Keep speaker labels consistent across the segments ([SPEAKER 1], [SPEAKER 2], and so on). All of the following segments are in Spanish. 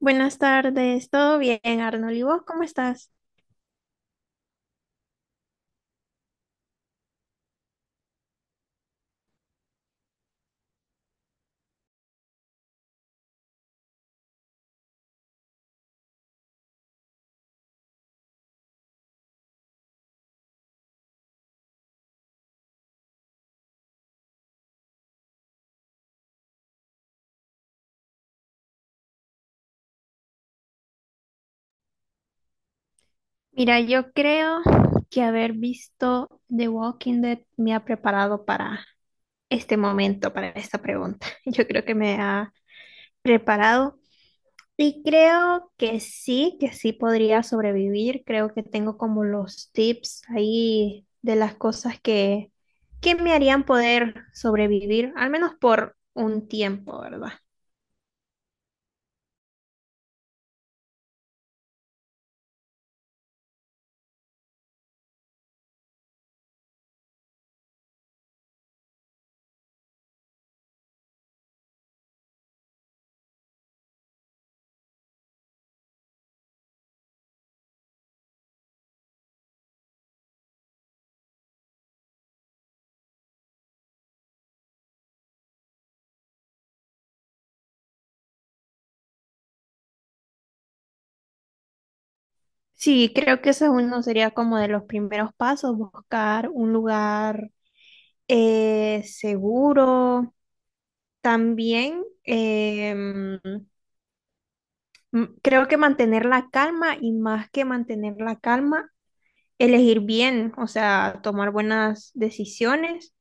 [SPEAKER 1] Buenas tardes, ¿todo bien, Arnold? ¿Y vos cómo estás? Mira, yo creo que haber visto The Walking Dead me ha preparado para este momento, para esta pregunta. Yo creo que me ha preparado y creo que sí podría sobrevivir. Creo que tengo como los tips ahí de las cosas que me harían poder sobrevivir, al menos por un tiempo, ¿verdad? Sí, creo que eso es uno sería como de los primeros pasos, buscar un lugar seguro. También creo que mantener la calma y más que mantener la calma, elegir bien, o sea, tomar buenas decisiones.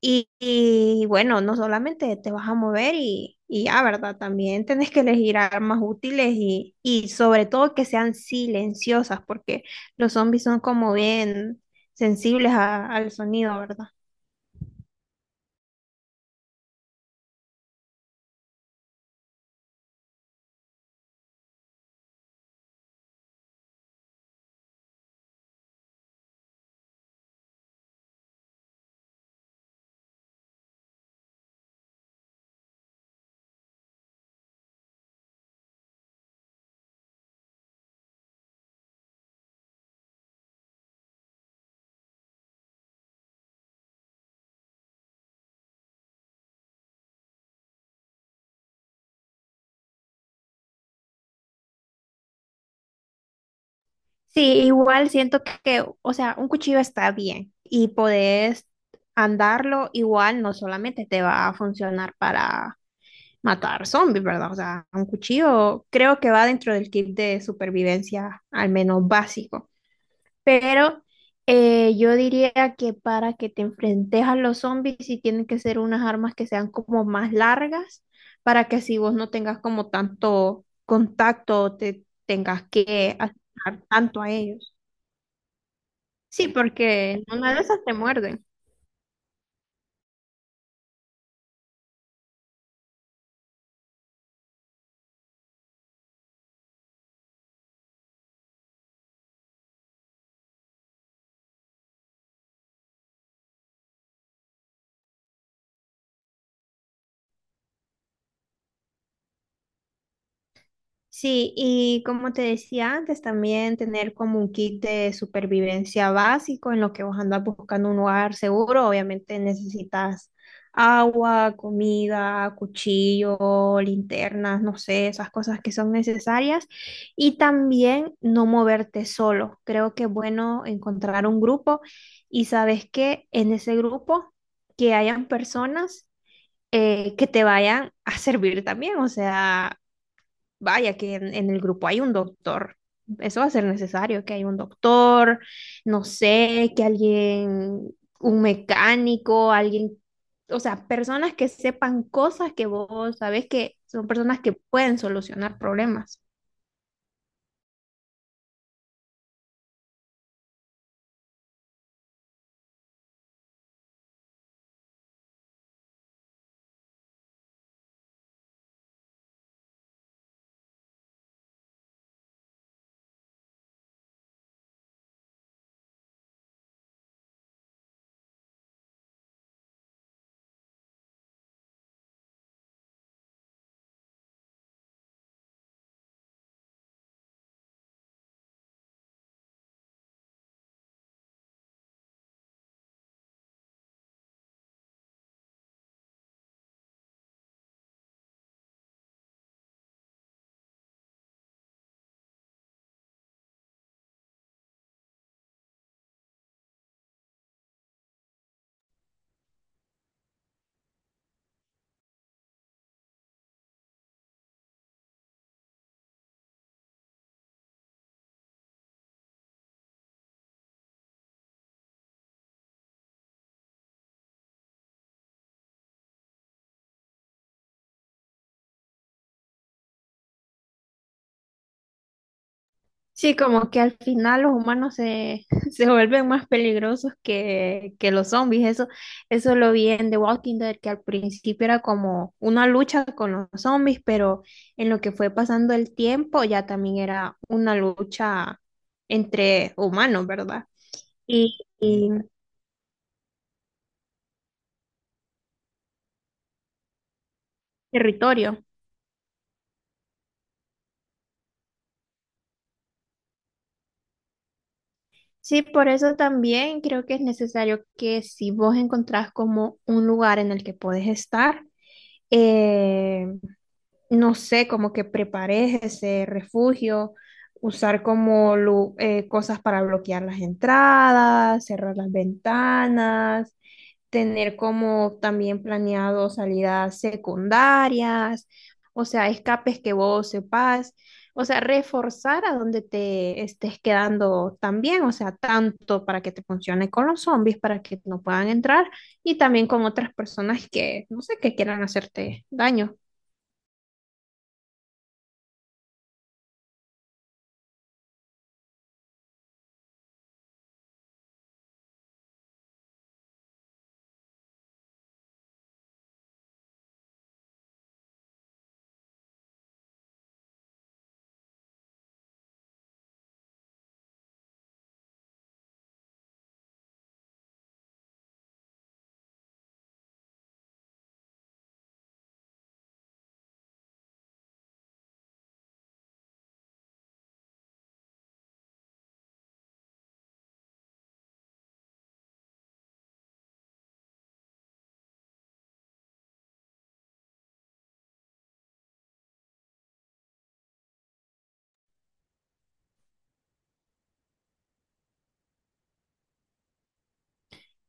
[SPEAKER 1] Y bueno, no solamente te vas a mover y ya, ¿verdad? También tenés que elegir armas útiles y sobre todo que sean silenciosas, porque los zombies son como bien sensibles al sonido, ¿verdad? Sí, igual siento que, o sea, un cuchillo está bien y podés andarlo igual, no solamente te va a funcionar para matar zombies, ¿verdad? O sea, un cuchillo creo que va dentro del kit de supervivencia, al menos básico. Pero yo diría que para que te enfrentes a los zombies, sí tienen que ser unas armas que sean como más largas, para que así vos no tengas como tanto contacto, o te tengas que acercar tanto a ellos. Sí, porque en una de esas te muerden. Sí, y como te decía antes, también tener como un kit de supervivencia básico en lo que vos andas buscando un lugar seguro. Obviamente necesitas agua, comida, cuchillo, linternas, no sé, esas cosas que son necesarias. Y también no moverte solo. Creo que es bueno encontrar un grupo y sabes que en ese grupo que hayan personas que te vayan a servir también. O sea, vaya, que en el grupo hay un doctor. Eso va a ser necesario, que haya un doctor, no sé, que alguien, un mecánico, alguien, o sea, personas que sepan cosas que vos sabés que son personas que pueden solucionar problemas. Sí, como que al final los humanos se, se vuelven más peligrosos que los zombies. Eso lo vi en The Walking Dead, que al principio era como una lucha con los zombies, pero en lo que fue pasando el tiempo ya también era una lucha entre humanos, ¿verdad? Y territorio. Sí, por eso también creo que es necesario que si vos encontrás como un lugar en el que podés estar, eh, no sé, como que prepares ese refugio, usar como cosas para bloquear las entradas, cerrar las ventanas, tener como también planeado salidas secundarias, o sea, escapes que vos sepas, o sea, reforzar a donde te estés quedando también, o sea, tanto para que te funcione con los zombies, para que no puedan entrar, y también con otras personas que, no sé, que quieran hacerte daño.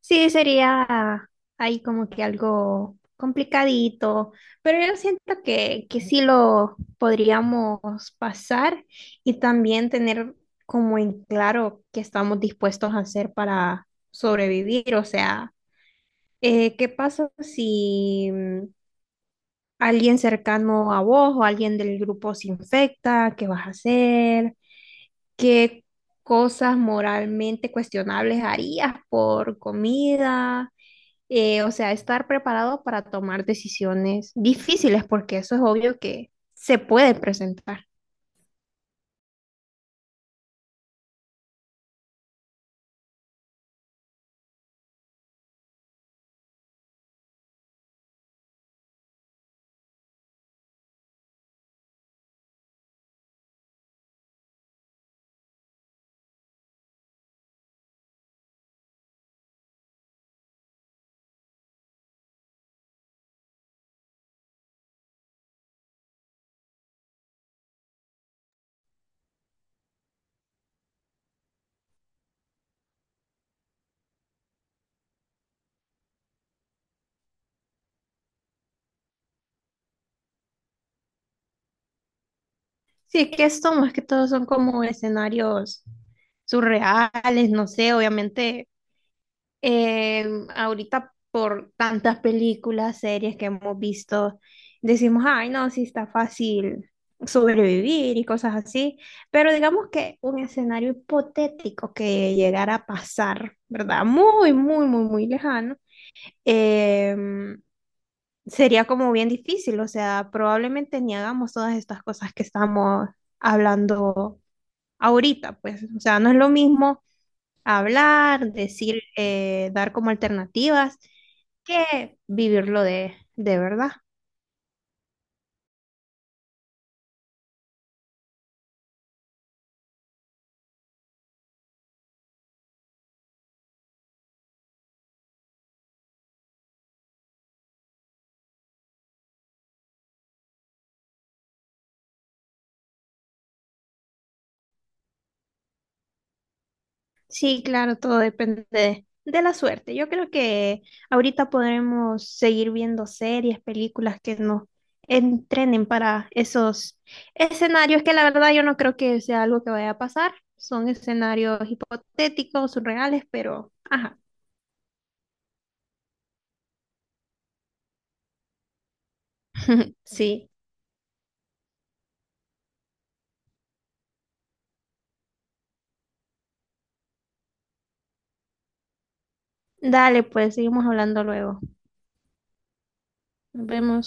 [SPEAKER 1] Sí, sería ahí como que algo complicadito, pero yo siento que sí lo podríamos pasar y también tener como en claro que estamos dispuestos a hacer para sobrevivir. O sea, ¿qué pasa si alguien cercano a vos o alguien del grupo se infecta? ¿Qué vas a hacer? ¿Qué cosas moralmente cuestionables harías por comida? O sea, estar preparado para tomar decisiones difíciles, porque eso es obvio que se puede presentar. Sí, es que esto más que todo son como escenarios surreales, no sé, obviamente, eh, ahorita por tantas películas, series que hemos visto, decimos, ay, no, sí está fácil sobrevivir y cosas así, pero digamos que un escenario hipotético que llegara a pasar, ¿verdad? Muy, muy, muy, muy lejano, em, sería como bien difícil, o sea, probablemente ni hagamos todas estas cosas que estamos hablando ahorita, pues, o sea, no es lo mismo hablar, decir, dar como alternativas que vivirlo de verdad. Sí, claro, todo depende de la suerte. Yo creo que ahorita podremos seguir viendo series, películas que nos entrenen para esos escenarios que la verdad yo no creo que sea algo que vaya a pasar. Son escenarios hipotéticos, surreales, pero ajá, sí. Dale, pues seguimos hablando luego. Nos vemos.